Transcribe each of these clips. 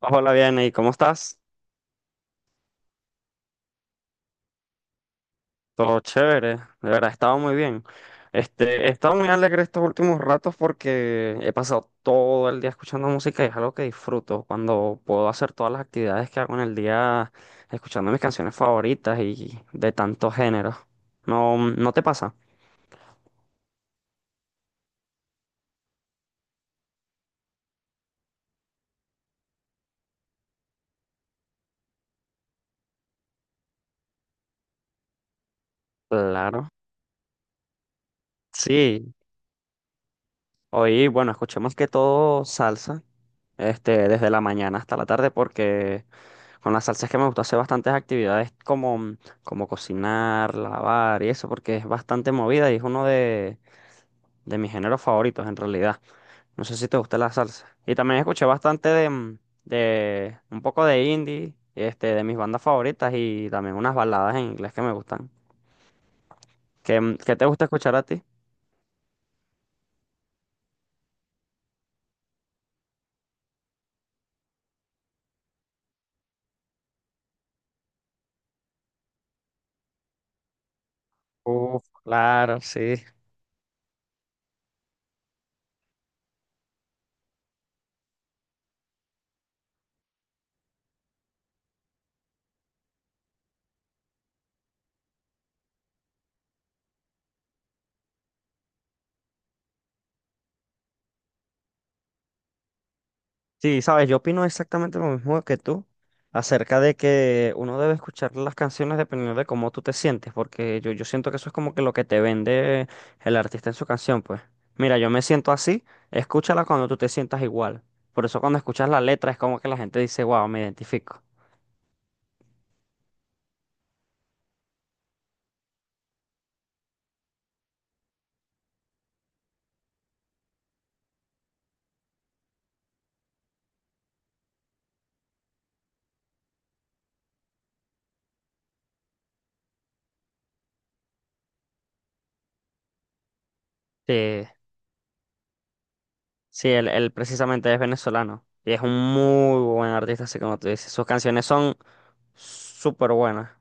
Hola, bien, ¿y cómo estás? Todo chévere, de verdad, he estado muy bien. He estado muy alegre estos últimos ratos porque he pasado todo el día escuchando música y es algo que disfruto cuando puedo hacer todas las actividades que hago en el día escuchando mis canciones favoritas y de tantos géneros. ¿No te pasa? Claro. Sí, hoy, bueno, escuché más que todo salsa. Desde la mañana hasta la tarde, porque con la salsa es que me gusta hacer bastantes actividades como cocinar, lavar y eso, porque es bastante movida y es uno de mis géneros favoritos en realidad. No sé si te gusta la salsa. Y también escuché bastante de un poco de indie, de mis bandas favoritas y también unas baladas en inglés que me gustan. Qué te gusta escuchar a ti? Uf, claro, sí. Sí, sabes, yo opino exactamente lo mismo que tú acerca de que uno debe escuchar las canciones dependiendo de cómo tú te sientes, porque yo siento que eso es como que lo que te vende el artista en su canción, pues. Mira, yo me siento así, escúchala cuando tú te sientas igual. Por eso cuando escuchas la letra es como que la gente dice, wow, me identifico. Sí, sí, él precisamente es venezolano y es un muy buen artista, así como tú dices. Sus canciones son súper buenas.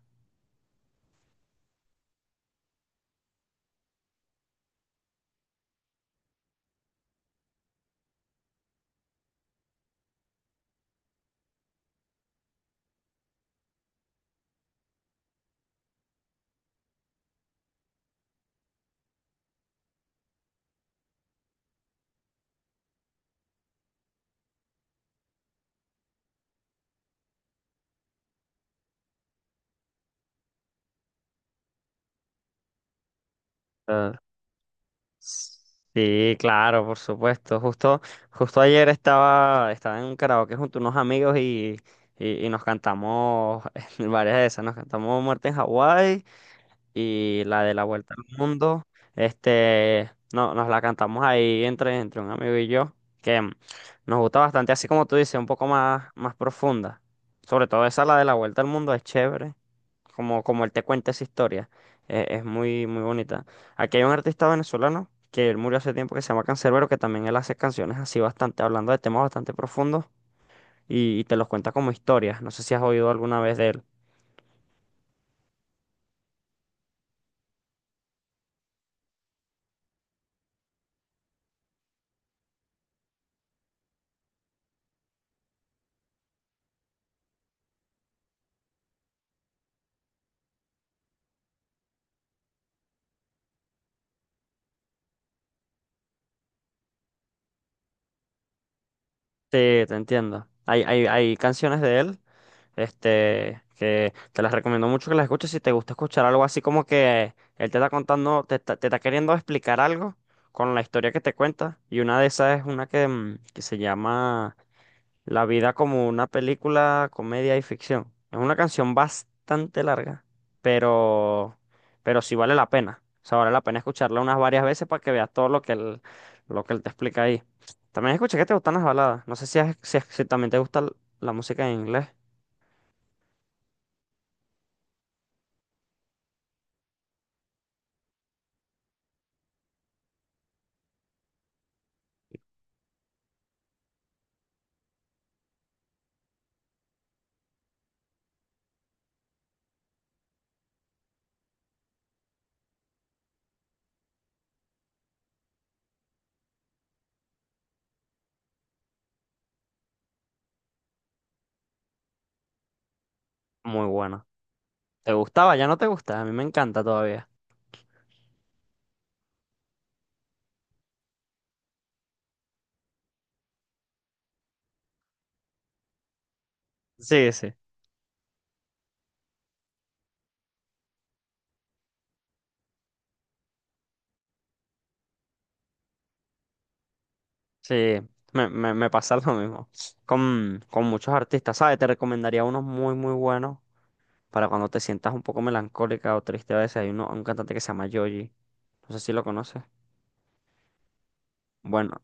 Sí, claro, por supuesto. Justo, justo ayer estaba en un karaoke junto a unos amigos y nos cantamos varias de esas. Nos cantamos Muerte en Hawái y la de la Vuelta al Mundo. No, nos la cantamos ahí entre un amigo y yo, que nos gusta bastante, así como tú dices, un poco más, más profunda. Sobre todo esa, la de la Vuelta al Mundo, es chévere como él te cuenta esa historia. Es muy, muy bonita. Aquí hay un artista venezolano que él murió hace tiempo que se llama Canserbero, que también él hace canciones así bastante, hablando de temas bastante profundos y te los cuenta como historias. No sé si has oído alguna vez de él. Sí, te entiendo. Hay canciones de él, que te las recomiendo mucho que las escuches si te gusta escuchar algo así como que él te está contando, te está queriendo explicar algo con la historia que te cuenta. Y una de esas es una que que se llama La vida como una película, comedia y ficción. Es una canción bastante larga, pero, pero sí vale la pena. O sea, vale la pena escucharla unas varias veces para que veas todo lo que él te explica ahí. También escuché que te gustan las baladas. No sé si también te gusta la música en inglés. Muy buena. ¿Te gustaba? Ya no te gusta. A mí me encanta todavía. Sí, sí. Sí, me pasa lo mismo. Con muchos artistas, ¿sabes? Te recomendaría unos muy, muy buenos. Para cuando te sientas un poco melancólica o triste a veces. Hay uno, un cantante que se llama Yoji. No sé si lo conoces. Bueno,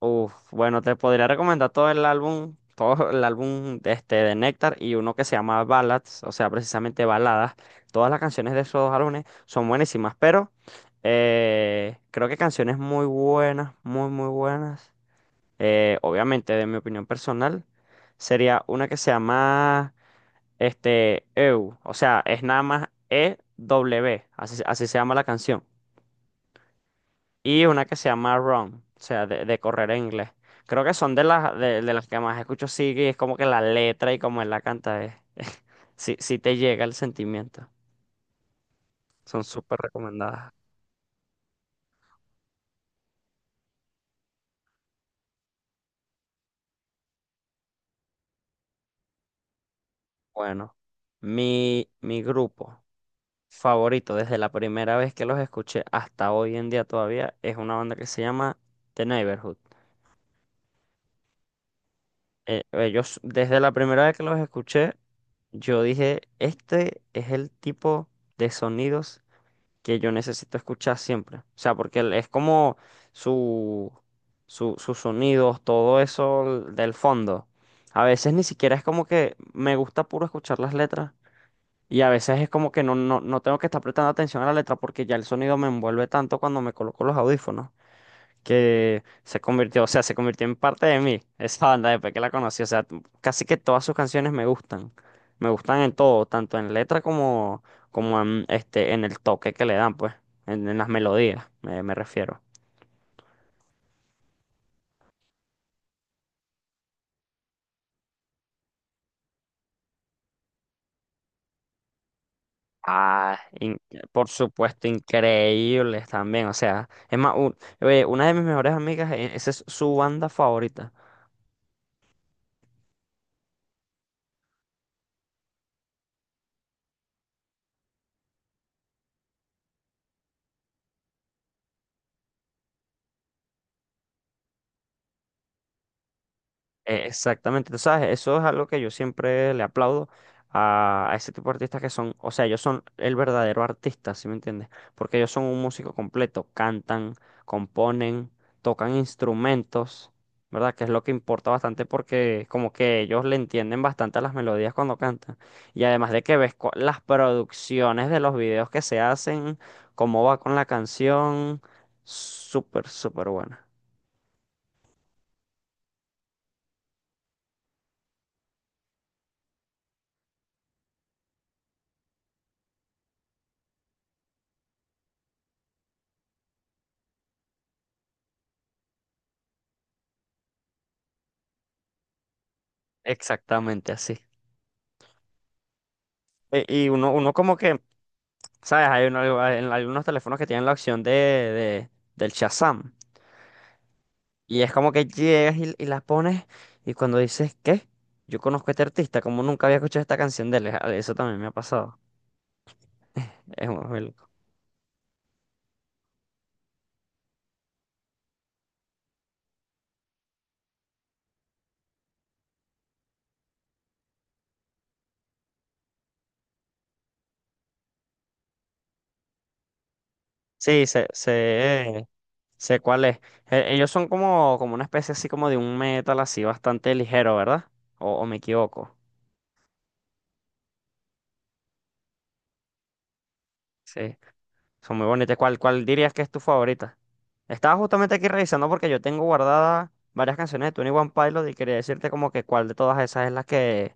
te podría recomendar todo el álbum de este de Nectar y uno que se llama Ballads, o sea, precisamente baladas. Todas las canciones de esos dos álbumes son buenísimas, pero creo que canciones muy buenas, muy, muy buenas. Obviamente, de mi opinión personal, sería una que se llama EU, o sea, es nada más e w así, así se llama la canción. Y una que se llama Run, o sea, de correr en inglés. Creo que son de las, de las que más escucho, sí, y es como que la letra y como él la canta, es, sí, sí te llega el sentimiento. Son súper recomendadas. Bueno, mi grupo favorito desde la primera vez que los escuché hasta hoy en día todavía es una banda que se llama The Neighborhood. Ellos, desde la primera vez que los escuché, yo dije, este es el tipo de sonidos que yo necesito escuchar siempre. O sea, porque es como su, sus sonidos, todo eso del fondo. A veces ni siquiera es como que me gusta puro escuchar las letras. Y a veces es como que no tengo que estar prestando atención a la letra porque ya el sonido me envuelve tanto cuando me coloco los audífonos que se convirtió, o sea, se convirtió en parte de mí, esa banda después que la conocí, o sea, casi que todas sus canciones me gustan en todo, tanto en letra como en, en el toque que le dan, pues, en las melodías, me refiero. Ah, por supuesto, increíbles también, o sea, es más, una de mis mejores amigas, esa es su banda favorita. Exactamente, tú sabes, eso es algo que yo siempre le aplaudo a ese tipo de artistas que son, o sea, ellos son el verdadero artista, ¿sí me entiendes? Porque ellos son un músico completo, cantan, componen, tocan instrumentos, ¿verdad? Que es lo que importa bastante porque como que ellos le entienden bastante a las melodías cuando cantan. Y además de que ves las producciones de los videos que se hacen, cómo va con la canción, súper, súper buena. Exactamente así. Y uno, uno como que ¿sabes? Hay en algunos teléfonos que tienen la opción del Shazam. Y es como que llegas y la pones y cuando dices, ¿qué? Yo conozco a este artista, como nunca había escuchado esta canción de él. Ah, eso también me ha pasado. Es muy muy loco. Sí, sé cuál es. Ellos son como, como una especie así como de un metal así bastante ligero, ¿verdad? O me equivoco. Sí. Son muy bonitas. ¿Cuál, cuál dirías que es tu favorita? Estaba justamente aquí revisando porque yo tengo guardadas varias canciones de Twenty One Pilot y quería decirte como que cuál de todas esas es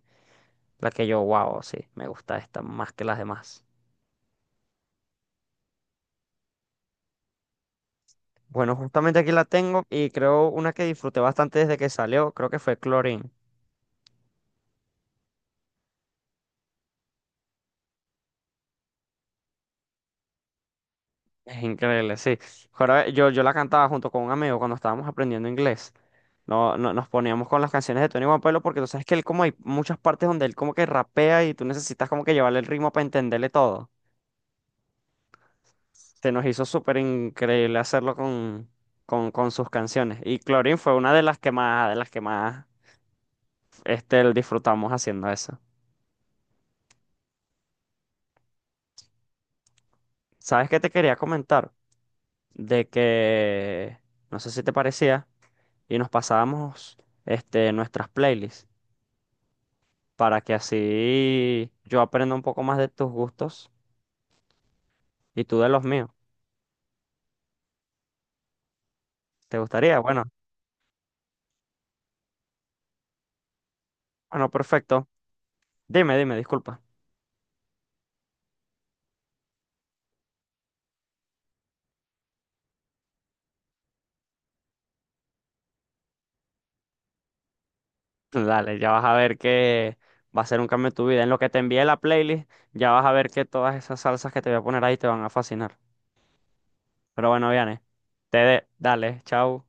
la que yo, wow, sí, me gusta esta más que las demás. Bueno, justamente aquí la tengo y creo una que disfruté bastante desde que salió, creo que fue Chlorine. Es increíble, sí. Yo la cantaba junto con un amigo cuando estábamos aprendiendo inglés. No, no, nos poníamos con las canciones de Tony One Pilote porque tú sabes que él como hay muchas partes donde él como que rapea y tú necesitas como que llevarle el ritmo para entenderle todo. Se nos hizo súper increíble hacerlo con sus canciones. Y Clorin fue una de las que más, de las que más disfrutamos haciendo eso. ¿Sabes qué te quería comentar? De que, no sé si te parecía, y nos pasábamos nuestras playlists, para que así yo aprenda un poco más de tus gustos y tú de los míos. ¿Te gustaría? Bueno, bueno, perfecto. Disculpa. Dale, ya vas a ver que va a ser un cambio en tu vida. En lo que te envíe la playlist, ya vas a ver que todas esas salsas que te voy a poner ahí te van a fascinar. Pero bueno, Viane, dale, chao.